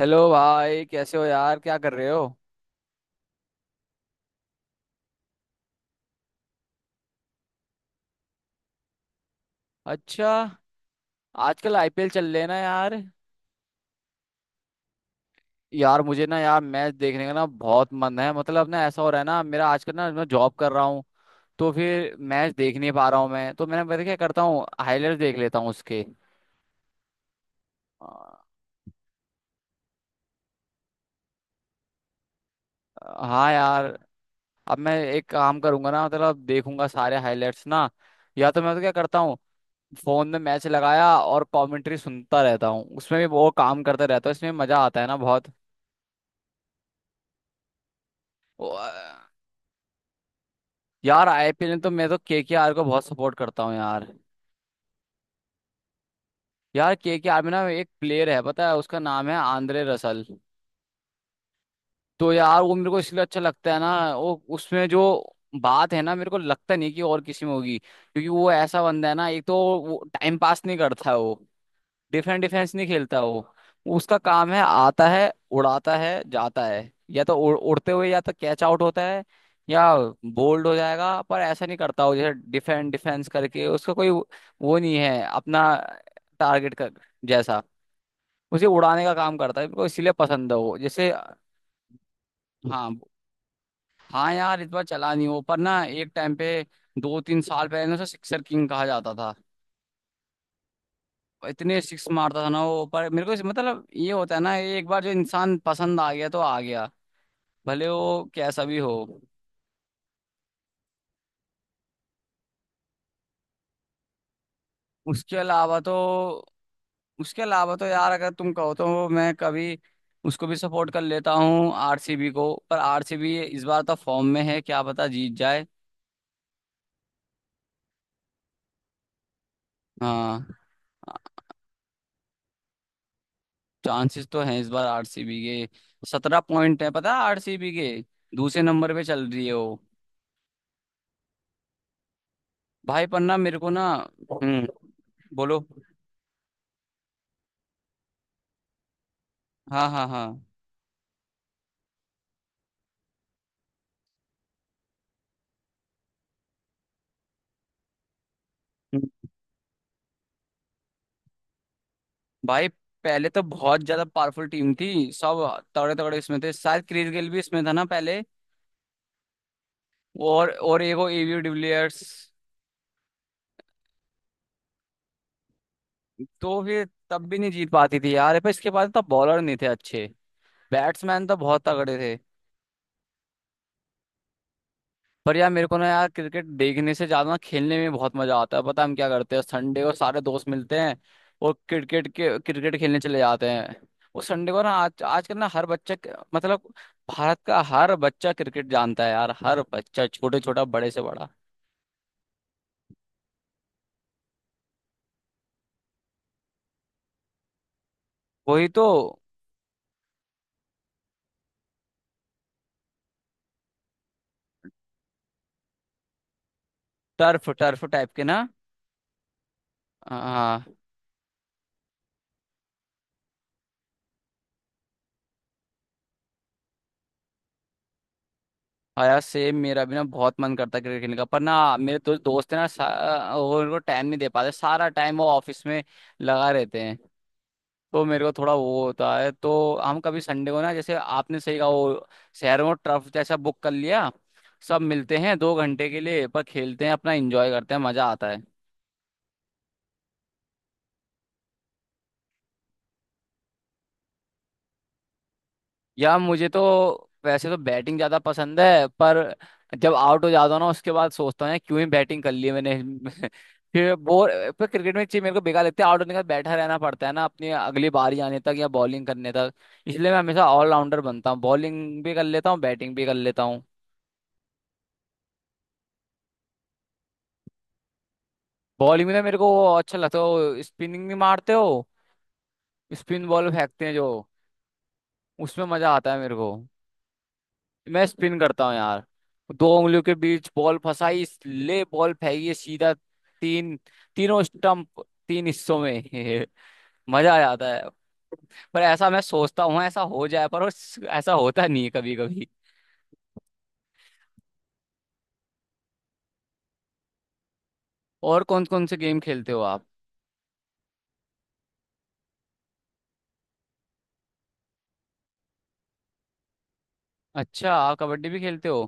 Hello भाई, कैसे हो यार? क्या कर रहे हो? अच्छा। आजकल आईपीएल चल रहे हैं ना यार। यार मुझे ना यार मैच देखने का ना बहुत मन है। मतलब ना ऐसा हो रहा है ना मेरा आजकल ना मैं जॉब कर रहा हूँ। तो फिर मैच देख नहीं पा रहा हूँ। मैं तो मैंने पता क्या करता हूँ, हाईलाइट देख लेता हूँ उसके। अ, हाँ यार। अब मैं एक काम करूंगा ना, मतलब देखूंगा सारे हाईलाइट्स ना। या तो मैं तो क्या करता हूँ, फोन में मैच लगाया और कमेंट्री सुनता रहता हूँ, उसमें भी वो काम करता रहता हूँ, इसमें मजा आता है ना। बहुत। यार आईपीएल में तो मैं तो केकेआर को बहुत सपोर्ट करता हूँ यार। यार केकेआर में ना एक प्लेयर है, पता है, उसका नाम है आंद्रे रसल। तो यार वो मेरे को इसलिए अच्छा लगता है ना। वो उसमें जो बात है ना, मेरे को लगता नहीं कि और किसी में होगी, क्योंकि वो ऐसा बंदा है ना। एक तो वो टाइम पास नहीं करता है। वो डिफेंस डिफेंस नहीं खेलता। वो उसका काम है, आता है, उड़ाता है, जाता है। या तो उड़ते हुए या तो कैच आउट होता है, या बोल्ड हो जाएगा। पर ऐसा नहीं करता वो, जैसे डिफेंस डिफेंस करके उसका कोई वो नहीं है अपना। टारगेट कर, जैसा उसे उड़ाने का काम करता है। मेरे को इसलिए पसंद है वो जैसे। हाँ। हाँ यार, इस बार चला नहीं वो, पर ना एक टाइम पे दो तीन साल पहले ना उसे सिक्सर किंग कहा जाता था। इतने सिक्स मारता था ना वो। पर मेरे को मतलब ये होता है ना, ये एक बार जो इंसान पसंद आ गया तो आ गया। भले वो कैसा भी हो। उसके अलावा तो उसके अलावा तो यार, अगर तुम कहो तो मैं कभी उसको भी सपोर्ट कर लेता हूँ, आरसीबी को। पर आरसीबी इस बार तो फॉर्म में है, क्या पता जीत जाए। हाँ। चांसेस तो हैं, इस बार आरसीबी के 17 पॉइंट है, पता है। आरसीबी के दूसरे नंबर पे चल रही है वो। भाई पर ना मेरे को ना। हम्म, बोलो। हाँ हाँ हाँ भाई। पहले तो बहुत ज्यादा पावरफुल टीम थी सब। तगड़े तगड़े इसमें थे, शायद क्रिस गेल भी इसमें था ना पहले। और एक वो एवी डिविलियर्स। तो फिर तब भी नहीं जीत पाती थी यार, पर इसके बाद तब बॉलर नहीं थे अच्छे। बैट्समैन तो बहुत तगड़े थे। पर यार मेरे को ना यार, क्रिकेट देखने से ज्यादा ना खेलने में बहुत मजा आता है। पता है हम क्या करते हैं, संडे को सारे दोस्त मिलते हैं और क्रिकेट खेलने चले जाते हैं। वो संडे को ना, आज आजकल ना हर बच्चा, मतलब भारत का हर बच्चा क्रिकेट जानता है यार, हर बच्चा, छोटे छोटा, बड़े से बड़ा। वही तो। टर्फ टर्फ टाइप के ना। हाँ। हाँ यार सेम, मेरा भी ना बहुत मन करता है क्रिकेट खेलने का, पर ना मेरे तो दोस्त है ना, वो उनको टाइम नहीं दे पाते, सारा टाइम वो ऑफिस में लगा रहते हैं। तो मेरे को थोड़ा वो होता है तो। हम कभी संडे को ना, जैसे आपने सही कहा वो, शहरों में टर्फ जैसा बुक कर लिया, सब मिलते हैं 2 घंटे के लिए, पर खेलते हैं अपना, एंजॉय करते हैं, मजा आता है। या मुझे तो वैसे तो बैटिंग ज्यादा पसंद है, पर जब आउट हो जाता हूँ ना उसके बाद सोचता हूँ, यार, क्यों ही बैटिंग कर ली मैंने। फिर बोर। पर क्रिकेट में एक चीज मेरे को बेकार लगती है, आउट होने के बाद बैठा रहना पड़ता है ना, अपनी अगली बारी आने तक या बॉलिंग करने तक। इसलिए मैं हमेशा ऑलराउंडर बनता हूँ, बॉलिंग भी कर लेता हूँ, बैटिंग भी कर लेता हूँ। बॉलिंग में तो मेरे को अच्छा लगता है वो, स्पिनिंग नहीं मारते हो, स्पिन बॉल फेंकते हैं जो, उसमें मजा आता है मेरे को। मैं स्पिन करता हूँ यार, दो उंगलियों के बीच बॉल फंसाई ले, बॉल फेंकी है सीधा। तीन, तीनों स्टंप, तीन हिस्सों में। मजा आ जाता है। पर ऐसा मैं सोचता हूँ, ऐसा हो जाए, पर ऐसा होता नहीं है कभी कभी। और कौन कौन से गेम खेलते हो आप? अच्छा, आप कबड्डी भी खेलते हो?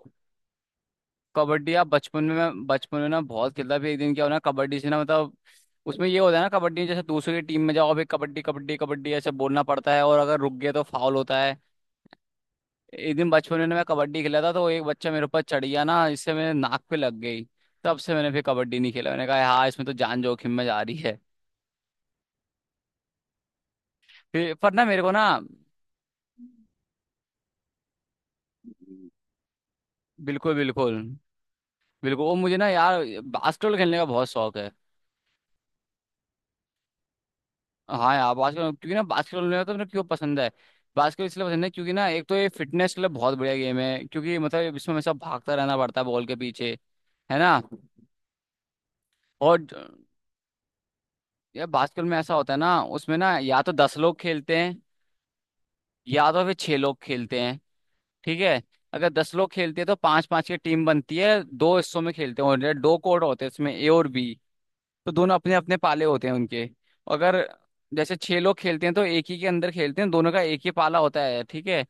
कबड्डी आप बचपन में, मैं बचपन में ना बहुत खेलता था। फिर एक दिन क्या हो ना, कबड्डी से ना, मतलब उसमें ये होता है ना, कबड्डी में जैसे दूसरे की टीम में जाओ अभी, कबड्डी कबड्डी कबड्डी ऐसे बोलना पड़ता है, और अगर रुक गए तो फाउल होता है। एक दिन बचपन में ना मैं कबड्डी खेला था, तो एक बच्चा मेरे ऊपर चढ़ गया ना, इससे मेरे नाक पे लग गई। तब से मैंने फिर कबड्डी नहीं खेला, मैंने कहा हाँ इसमें तो जान जोखिम में जा रही है। फिर पर ना मेरे को ना। बिल्कुल, बिल्कुल, बिल्कुल। वो मुझे ना यार बास्केटबॉल खेलने का बहुत शौक है। हाँ यार, बास्केटबॉल, क्योंकि ना बास्केटबॉल मेरा तो, मेरे क्यों पसंद है बास्केटबॉल, इसलिए पसंद है क्योंकि ना, एक तो ये फिटनेस के लिए बहुत बढ़िया गेम है, क्योंकि मतलब इसमें हमेशा भागता रहना पड़ता है बॉल के पीछे, है ना। और यार बास्केटबॉल में ऐसा होता है ना, उसमें ना या तो 10 लोग खेलते हैं, या तो फिर छह लोग खेलते हैं। ठीक है, अगर 10 लोग खेलते हैं तो पांच पांच की टीम बनती है, दो हिस्सों में खेलते हैं, और दो कोर्ट होते हैं इसमें, ए और बी। तो दोनों अपने अपने पाले होते हैं उनके। अगर जैसे छह लोग खेलते हैं तो एक ही के अंदर खेलते हैं, दोनों का एक ही पाला होता है, ठीक है।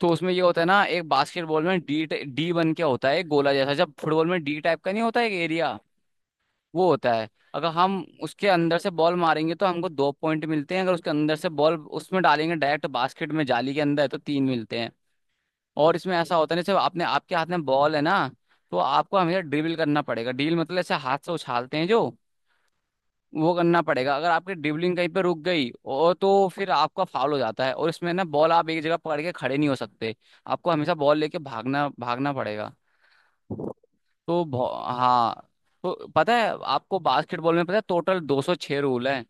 तो उसमें ये होता है ना, एक बास्केटबॉल में डी डी बन के होता है, एक गोला जैसा, जब फुटबॉल में डी टाइप का नहीं होता, एक एरिया वो होता है। अगर हम उसके अंदर से बॉल मारेंगे तो हमको दो पॉइंट मिलते हैं, अगर उसके अंदर से बॉल उसमें डालेंगे डायरेक्ट बास्केट में जाली के अंदर, तो तीन मिलते हैं। और इसमें ऐसा होता है ना, जैसे आपने आपके हाथ में बॉल है ना, तो आपको हमेशा ड्रिबल करना पड़ेगा। ड्रिबल मतलब ऐसे हाथ से उछालते हैं जो, वो करना पड़ेगा। अगर आपकी ड्रिबलिंग कहीं पे रुक गई और, तो फिर आपका फाउल हो जाता है। और इसमें ना बॉल आप एक जगह पकड़ के खड़े नहीं हो सकते, आपको हमेशा बॉल लेके भागना भागना पड़ेगा। तो हाँ। तो पता है आपको बास्केटबॉल में, पता है, टोटल 206 रूल है।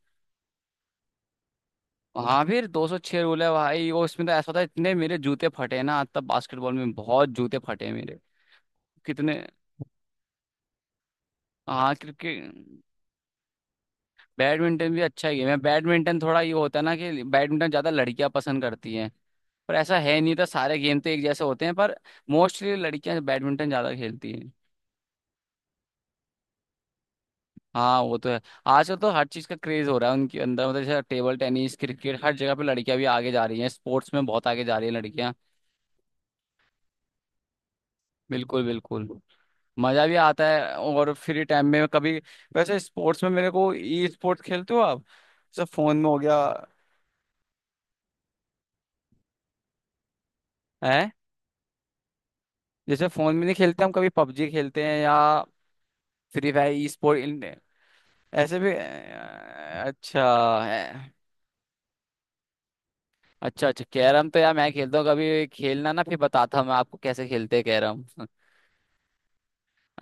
हाँ, फिर 206 रूल है भाई वो, इसमें तो ऐसा था, इतने मेरे जूते फटे हैं ना तब बास्केटबॉल में, बहुत जूते फटे हैं मेरे। कितने? हाँ क्रिकेट, बैडमिंटन भी अच्छा गेम है। बैडमिंटन थोड़ा ये होता है ना कि बैडमिंटन ज्यादा लड़कियां पसंद करती हैं, पर ऐसा है नहीं, तो सारे गेम तो एक जैसे होते हैं, पर मोस्टली लड़कियां बैडमिंटन ज्यादा खेलती हैं। हाँ, वो तो है। आजकल तो हर चीज का क्रेज हो रहा है उनके अंदर, मतलब जैसे टेबल टेनिस, क्रिकेट, हर जगह पे लड़कियां भी आगे जा रही हैं, स्पोर्ट्स में बहुत आगे जा रही हैं लड़कियां। बिल्कुल बिल्कुल। मजा भी आता है। और फ्री टाइम में कभी, वैसे स्पोर्ट्स में मेरे को, ई स्पोर्ट्स खेलते हो आप? जैसे फोन में हो गया है। जैसे फोन में नहीं खेलते हम कभी, पबजी खेलते हैं या फ्री फायर, ई स्पोर्ट इन ऐसे भी। अच्छा। है। अच्छा अच्छा, कैरम तो यार मैं खेलता हूँ, कभी खेलना ना फिर बताता हूँ मैं आपको कैसे खेलते हैं कैरम।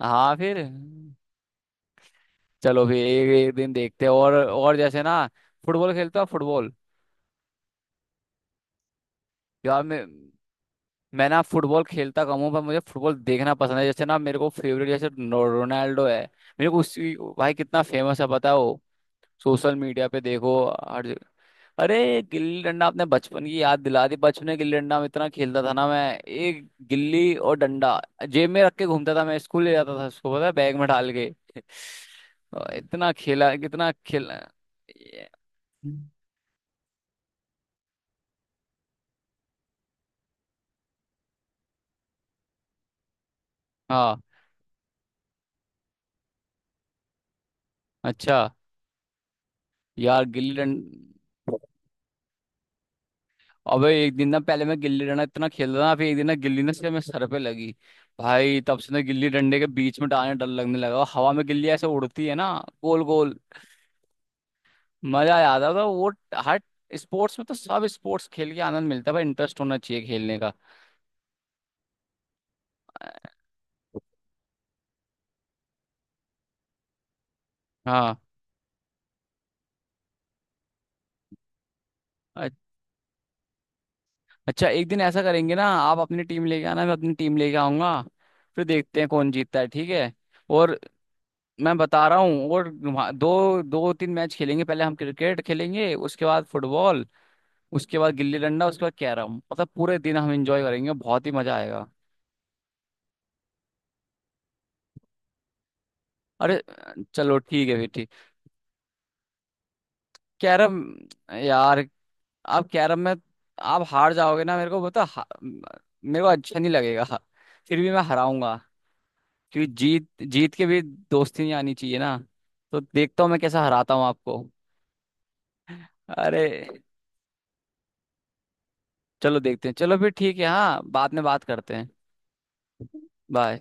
हाँ, फिर चलो फिर एक एक दिन देखते हैं। और जैसे ना, फुटबॉल खेलते हो फुटबॉल? यार मैं, ना फुटबॉल खेलता कम हूँ, पर मुझे फुटबॉल देखना पसंद है। जैसे ना मेरे को फेवरेट जैसे रोनाल्डो है, मेरे को उसी, भाई कितना फेमस है पता है, सोशल मीडिया पे देखो हर जगह- अरे गिल्ली डंडा, आपने बचपन की याद दिला दी, बचपन में गिल्ली डंडा में इतना खेलता था ना मैं। एक गिल्ली और डंडा जेब में रख के घूमता था मैं, स्कूल ले जाता था उसको, पता है, बैग में डाल के। और इतना खेला, कितना खेला। ये- हाँ, अच्छा। यार गिल्ली डंडा, अबे एक दिन ना, पहले मैं गिल्ली डंडा इतना खेलता था ना, फिर एक दिन ना गिल्ली ना से मेरे सर पे लगी, भाई तब से ना गिल्ली डंडे के बीच में डालने डर लगने लगा, और हवा में गिल्ली ऐसे उड़ती है ना, गोल गोल। मजा आ जाता था वो। हर स्पोर्ट्स में तो सब स्पोर्ट्स खेल के आनंद मिलता है भाई, इंटरेस्ट होना चाहिए खेलने का। हाँ। अ- अच्छा, एक दिन ऐसा करेंगे ना, आप अपनी टीम लेके आना, मैं अपनी टीम लेके आऊंगा, फिर देखते हैं कौन जीतता है, ठीक है। और मैं बता रहा हूँ, और दो दो तीन मैच खेलेंगे, पहले हम क्रिकेट खेलेंगे, उसके बाद फुटबॉल, उसके बाद गिल्ली डंडा, उसके बाद कैरम, मतलब पूरे दिन हम एंजॉय करेंगे, बहुत ही मजा आएगा। अरे चलो, ठीक है फिर, ठीक। कैरम यार, आप कैरम में, आप हार जाओगे ना मेरे को, मतलब मेरे को अच्छा नहीं लगेगा, फिर भी मैं हराऊंगा, क्योंकि जीत जीत के भी दोस्ती नहीं आनी चाहिए ना। तो देखता हूँ मैं कैसा हराता हूँ आपको। अरे चलो देखते हैं, चलो फिर ठीक है, हाँ बाद में बात करते हैं। बाय।